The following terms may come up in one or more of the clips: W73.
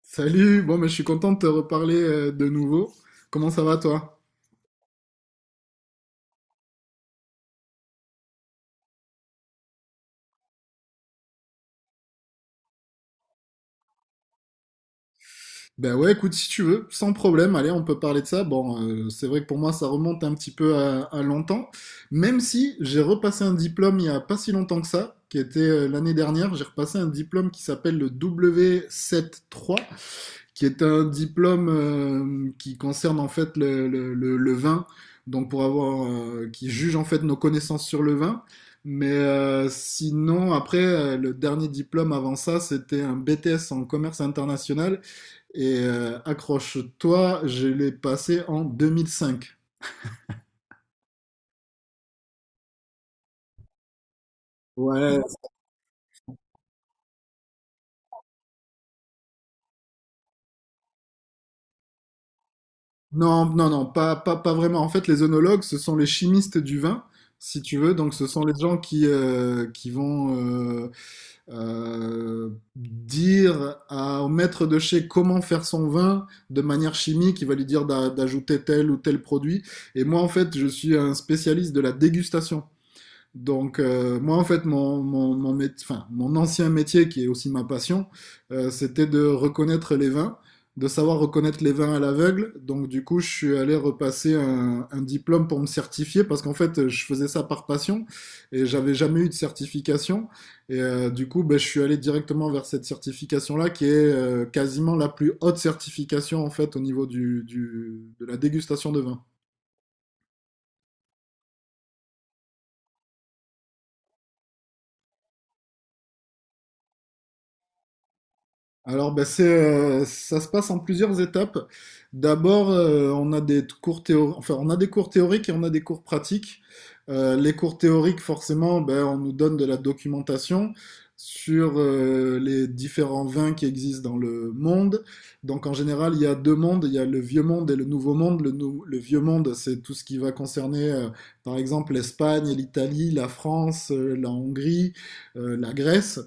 Salut, bon, mais je suis content de te reparler de nouveau. Comment ça va toi? Ben ouais, écoute, si tu veux, sans problème, allez, on peut parler de ça. Bon, c'est vrai que pour moi, ça remonte un petit peu à longtemps, même si j'ai repassé un diplôme il y a pas si longtemps que ça, qui était l'année dernière, j'ai repassé un diplôme qui s'appelle le W73 qui est un diplôme qui concerne en fait le vin, donc pour avoir, qui juge en fait nos connaissances sur le vin. Mais sinon, après, le dernier diplôme avant ça, c'était un BTS en commerce international. Et accroche-toi, je l'ai passé en 2005. Ouais, non, non, non, pas vraiment. En fait, les œnologues, ce sont les chimistes du vin, si tu veux. Donc, ce sont les gens qui vont, euh, dire au maître de chez comment faire son vin de manière chimique, il va lui dire d'ajouter tel ou tel produit. Et moi, en fait, je suis un spécialiste de la dégustation. Donc, moi, en fait, enfin, mon ancien métier, qui est aussi ma passion, c'était de reconnaître les vins, de savoir reconnaître les vins à l'aveugle. Donc, du coup, je suis allé repasser un diplôme pour me certifier, parce qu'en fait, je faisais ça par passion, et j'avais jamais eu de certification. Et du coup, ben, je suis allé directement vers cette certification-là, qui est quasiment la plus haute certification, en fait, au niveau de la dégustation de vin. Alors, ben, ça se passe en plusieurs étapes. D'abord, on a des cours théo- enfin, on a des cours théoriques et on a des cours pratiques. Les cours théoriques, forcément, ben, on nous donne de la documentation sur les différents vins qui existent dans le monde. Donc, en général, il y a deux mondes. Il y a le vieux monde et le nouveau monde. Le vieux monde, c'est tout ce qui va concerner, par exemple, l'Espagne, l'Italie, la France, la Hongrie, la Grèce.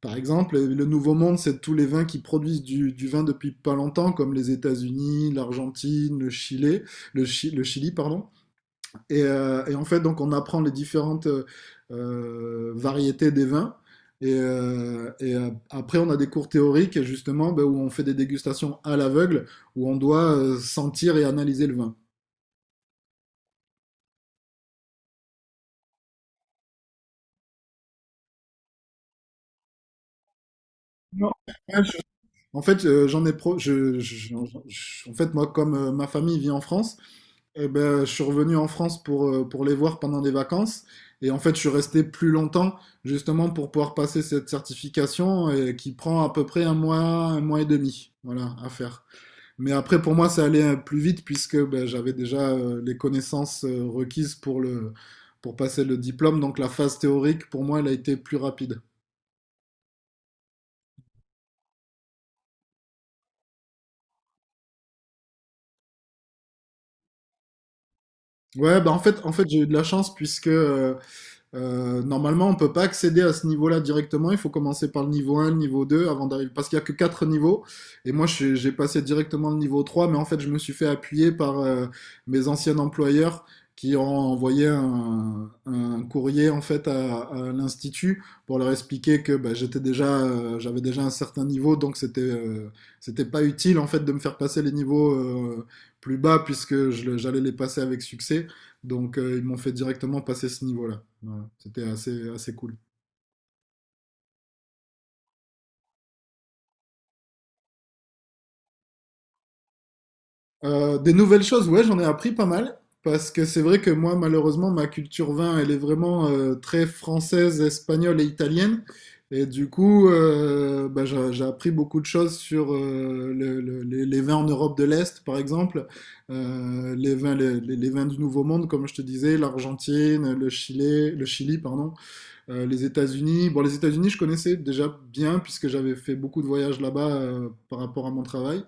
Par exemple, le Nouveau Monde, c'est tous les vins qui produisent du vin depuis pas longtemps, comme les États-Unis, l'Argentine, le Chili, le Chili, pardon. Et en fait, donc, on apprend les différentes variétés des vins. Après, on a des cours théoriques, justement, ben, où on fait des dégustations à l'aveugle, où on doit sentir et analyser le vin. Non. Ouais. En fait, j'en ai pro... je- en fait, moi, comme ma famille vit en France, eh ben, je suis revenu en France pour les voir pendant des vacances. Et en fait, je suis resté plus longtemps, justement, pour pouvoir passer cette certification qui prend à peu près un mois et demi, voilà, à faire. Mais après, pour moi, ça allait plus vite puisque ben, j'avais déjà les connaissances requises pour pour passer le diplôme. Donc, la phase théorique, pour moi, elle a été plus rapide. Ouais, bah j'ai eu de la chance puisque normalement, on ne peut pas accéder à ce niveau-là directement. Il faut commencer par le niveau un, le niveau 2, avant d'arriver. Parce qu'il y a que quatre niveaux. Et moi, j'ai passé directement le niveau 3, mais en fait, je me suis fait appuyer par mes anciens employeurs qui ont envoyé un courrier en fait à l'institut pour leur expliquer que bah, j'avais déjà un certain niveau, donc c'était c'était pas utile en fait de me faire passer les niveaux plus bas puisque j'allais les passer avec succès. Donc ils m'ont fait directement passer ce niveau-là. Voilà, c'était assez, assez cool. Des nouvelles choses, ouais, j'en ai appris pas mal. Parce que c'est vrai que moi, malheureusement, ma culture vin, elle est vraiment très française, espagnole et italienne. Et du coup, bah, j'ai appris beaucoup de choses sur les vins en Europe de l'Est, par exemple. Les vins, les vins du Nouveau Monde, comme je te disais, l'Argentine, le Chili, pardon, les États-Unis. Bon, les États-Unis, je connaissais déjà bien puisque j'avais fait beaucoup de voyages là-bas par rapport à mon travail.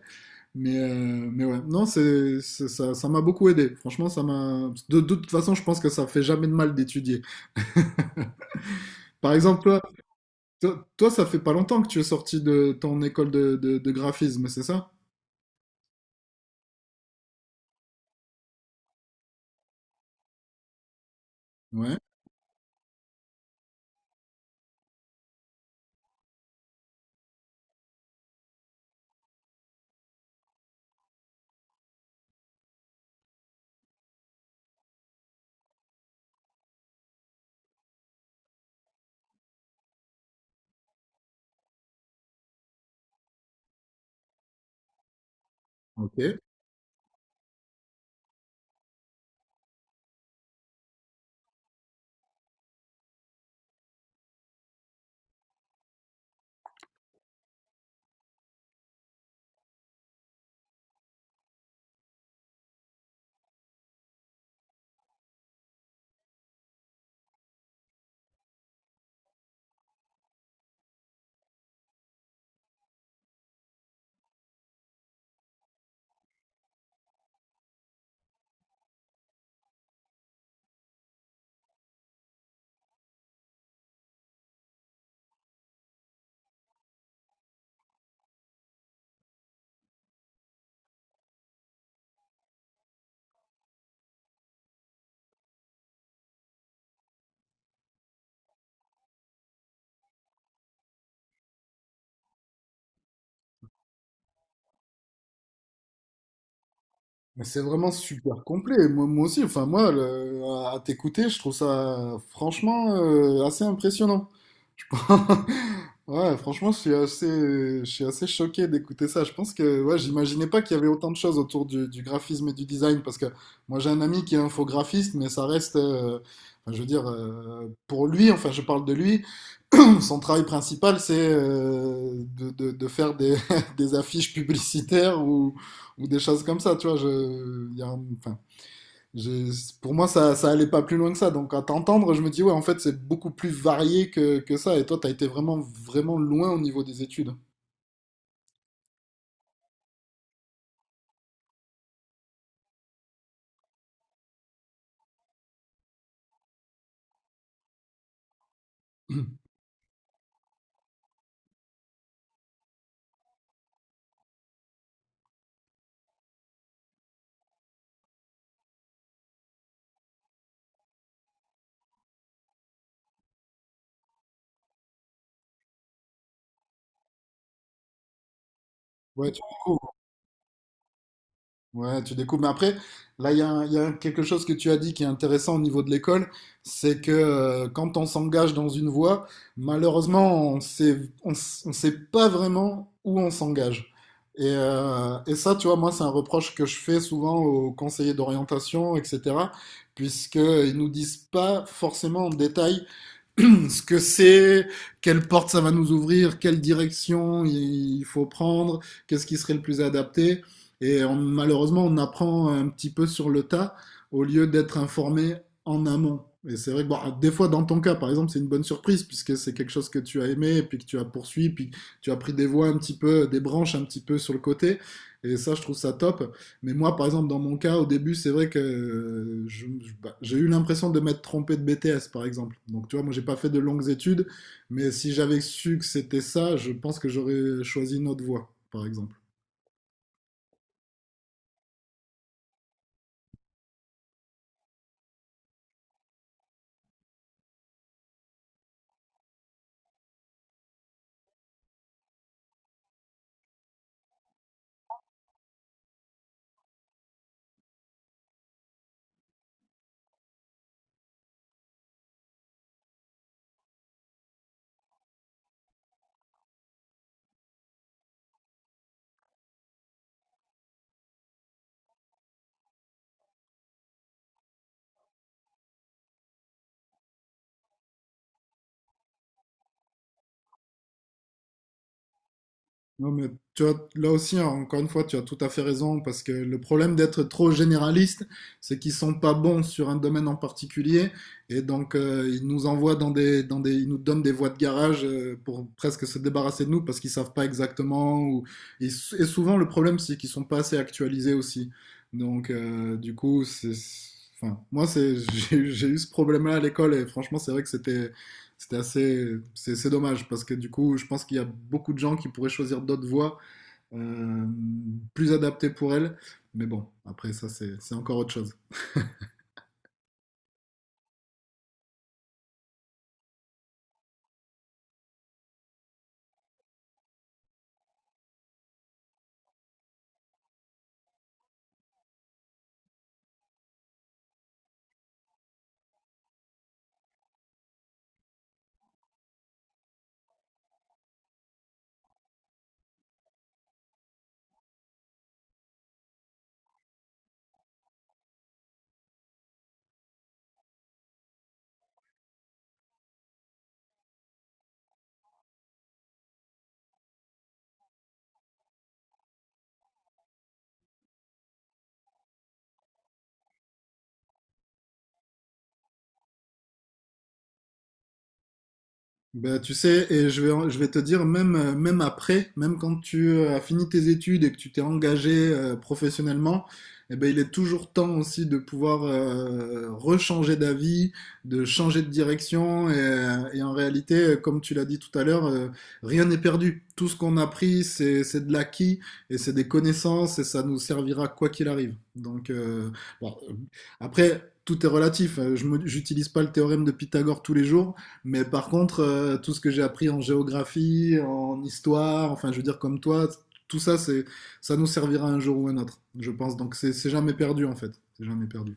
Mais ouais, non, ça, ça m'a beaucoup aidé. Franchement, ça m'a. De toute façon, je pense que ça fait jamais de mal d'étudier. Par exemple, ça fait pas longtemps que tu es sorti de ton école de graphisme, c'est ça? Ouais. Ok. Mais c'est vraiment super complet. Moi aussi, enfin moi, à t'écouter, je trouve ça franchement assez impressionnant. Je pense- Ouais, franchement, je suis assez choqué d'écouter ça. Je pense que ouais, j'imaginais pas qu'il y avait autant de choses autour du graphisme et du design, parce que moi j'ai un ami qui est infographiste, mais ça reste, enfin, je veux dire, pour lui, enfin je parle de lui, son travail principal, c'est de faire des affiches publicitaires ou des choses comme ça, tu vois. Il y a enfin, j'ai- pour moi, ça allait pas plus loin que ça. Donc, à t'entendre, je me dis, ouais, en fait, c'est beaucoup plus varié que, ça. Et toi, t'as été vraiment, vraiment loin au niveau des études. Ouais, tu découvres. Ouais, tu découvres. Mais après, là, il y a, il y a quelque chose que tu as dit qui est intéressant au niveau de l'école, c'est que quand on s'engage dans une voie, malheureusement, on sait pas vraiment où on s'engage. Et ça, tu vois, moi, c'est un reproche que je fais souvent aux conseillers d'orientation, etc., puisqu'ils nous disent pas forcément en détail ce que c'est, quelle porte ça va nous ouvrir, quelle direction il faut prendre, qu'est-ce qui serait le plus adapté. Et malheureusement, on apprend un petit peu sur le tas au lieu d'être informé en amont. Et c'est vrai que bon, des fois, dans ton cas, par exemple, c'est une bonne surprise puisque c'est quelque chose que tu as aimé, puis que tu as poursuivi, puis tu as pris des voies un petit peu, des branches un petit peu sur le côté. Et ça, je trouve ça top. Mais moi, par exemple, dans mon cas, au début, c'est vrai que bah, j'ai eu l'impression de m'être trompé de BTS, par exemple. Donc, tu vois, moi, j'ai pas fait de longues études, mais si j'avais su que c'était ça, je pense que j'aurais choisi une autre voie, par exemple. Non, mais tu vois, là aussi, hein, encore une fois, tu as tout à fait raison, parce que le problème d'être trop généraliste, c'est qu'ils sont pas bons sur un domaine en particulier, et donc ils nous envoient ils nous donnent des voies de garage pour presque se débarrasser de nous, parce qu'ils savent pas exactement, ou, et souvent le problème, c'est qu'ils sont pas assez actualisés aussi. Donc, du coup, enfin, moi, j'ai eu ce problème-là à l'école, et franchement, c'est vrai que c'était, assez. C'est dommage parce que du coup, je pense qu'il y a beaucoup de gens qui pourraient choisir d'autres voies euh, plus adaptées pour elles. Mais bon, après, ça, c'est encore autre chose. Ben, tu sais, et je vais te dire, même après, même quand tu as fini tes études et que tu t'es engagé professionnellement, eh ben, il est toujours temps aussi de pouvoir rechanger d'avis, de changer de direction. Et en réalité, comme tu l'as dit tout à l'heure, rien n'est perdu. Tout ce qu'on a pris, c'est de l'acquis et c'est des connaissances et ça nous servira quoi qu'il arrive. Donc, bon, après, tout est relatif. J'utilise pas le théorème de Pythagore tous les jours. Mais par contre, tout ce que j'ai appris en géographie, en histoire, enfin, je veux dire, comme toi, tout ça, c'est, ça nous servira un jour ou un autre, je pense. Donc, c'est jamais perdu, en fait. C'est jamais perdu.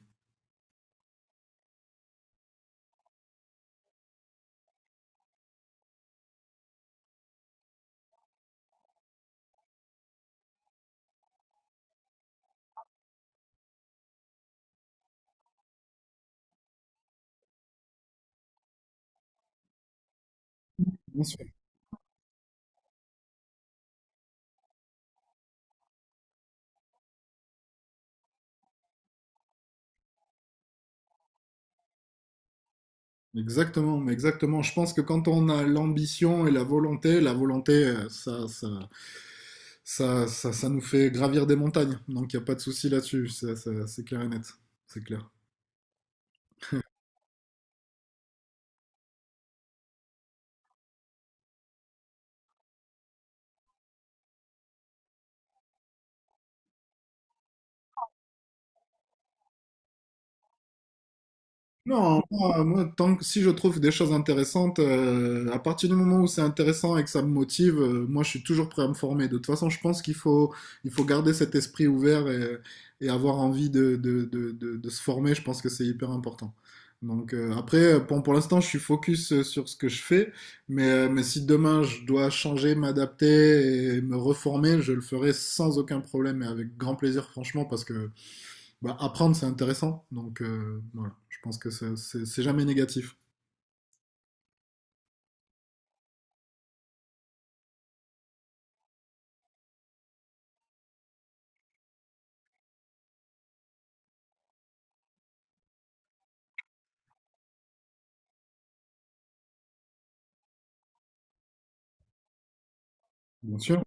Bien sûr. Exactement, mais exactement. Je pense que quand on a l'ambition et la volonté, ça nous fait gravir des montagnes. Donc, il n'y a pas de souci là-dessus. C'est clair et net. C'est clair. Non, moi, tant que si je trouve des choses intéressantes, à partir du moment où c'est intéressant et que ça me motive, moi je suis toujours prêt à me former. De toute façon, je pense qu'il faut garder cet esprit ouvert et avoir envie de se former. Je pense que c'est hyper important. Donc après, pour l'instant, je suis focus sur ce que je fais, mais si demain je dois changer, m'adapter et me reformer, je le ferai sans aucun problème et avec grand plaisir, franchement, parce que bah, apprendre, c'est intéressant. Donc, voilà, je pense que c'est jamais négatif. Bien sûr.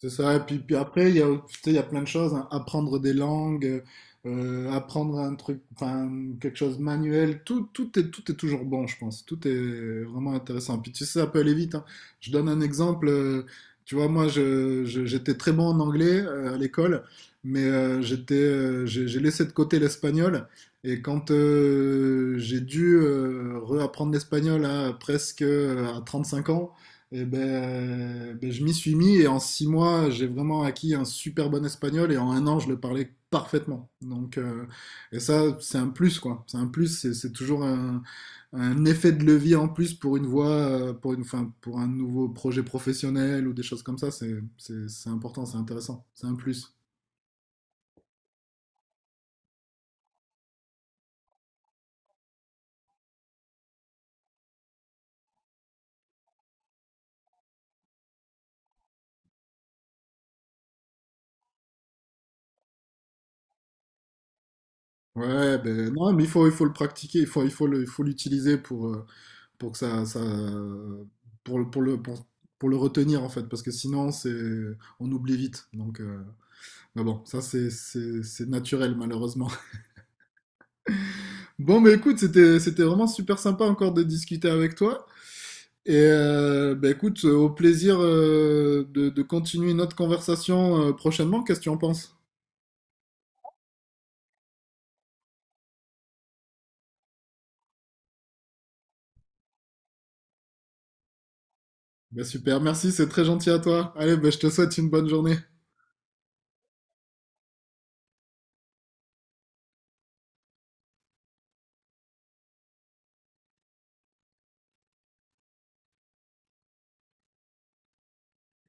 C'est ça, et puis après, il y a, tu sais, il y a plein de choses, hein. Apprendre des langues, apprendre un truc, enfin, quelque chose manuel, tout est toujours bon, je pense. Tout est vraiment intéressant. Puis tu sais, ça peut aller vite, hein. Je donne un exemple, tu vois, moi, j'étais très bon en anglais à l'école, mais j'ai laissé de côté l'espagnol, et quand j'ai dû réapprendre l'espagnol à presque à 5 ans, et je m'y suis mis et en 6 mois, j'ai vraiment acquis un super bon espagnol et en un an, je le parlais parfaitement. Donc, et ça, c'est un plus, quoi. C'est un plus, c'est toujours un effet de levier en plus pour une voie, enfin, pour un nouveau projet professionnel ou des choses comme ça. C'est important, c'est intéressant, c'est un plus. Ouais, ben non, mais il faut le pratiquer, il faut l'utiliser pour que ça pour le, pour le, pour, pour le retenir en fait, parce que sinon c'est, on oublie vite. Donc, mais bon, ça c'est naturel malheureusement. Bon, mais écoute, c'était vraiment super sympa encore de discuter avec toi. Et bah, écoute, au plaisir de continuer notre conversation prochainement. Qu'est-ce que tu en penses? Bah, super, merci, c'est très gentil à toi. Allez, bah, je te souhaite une bonne journée.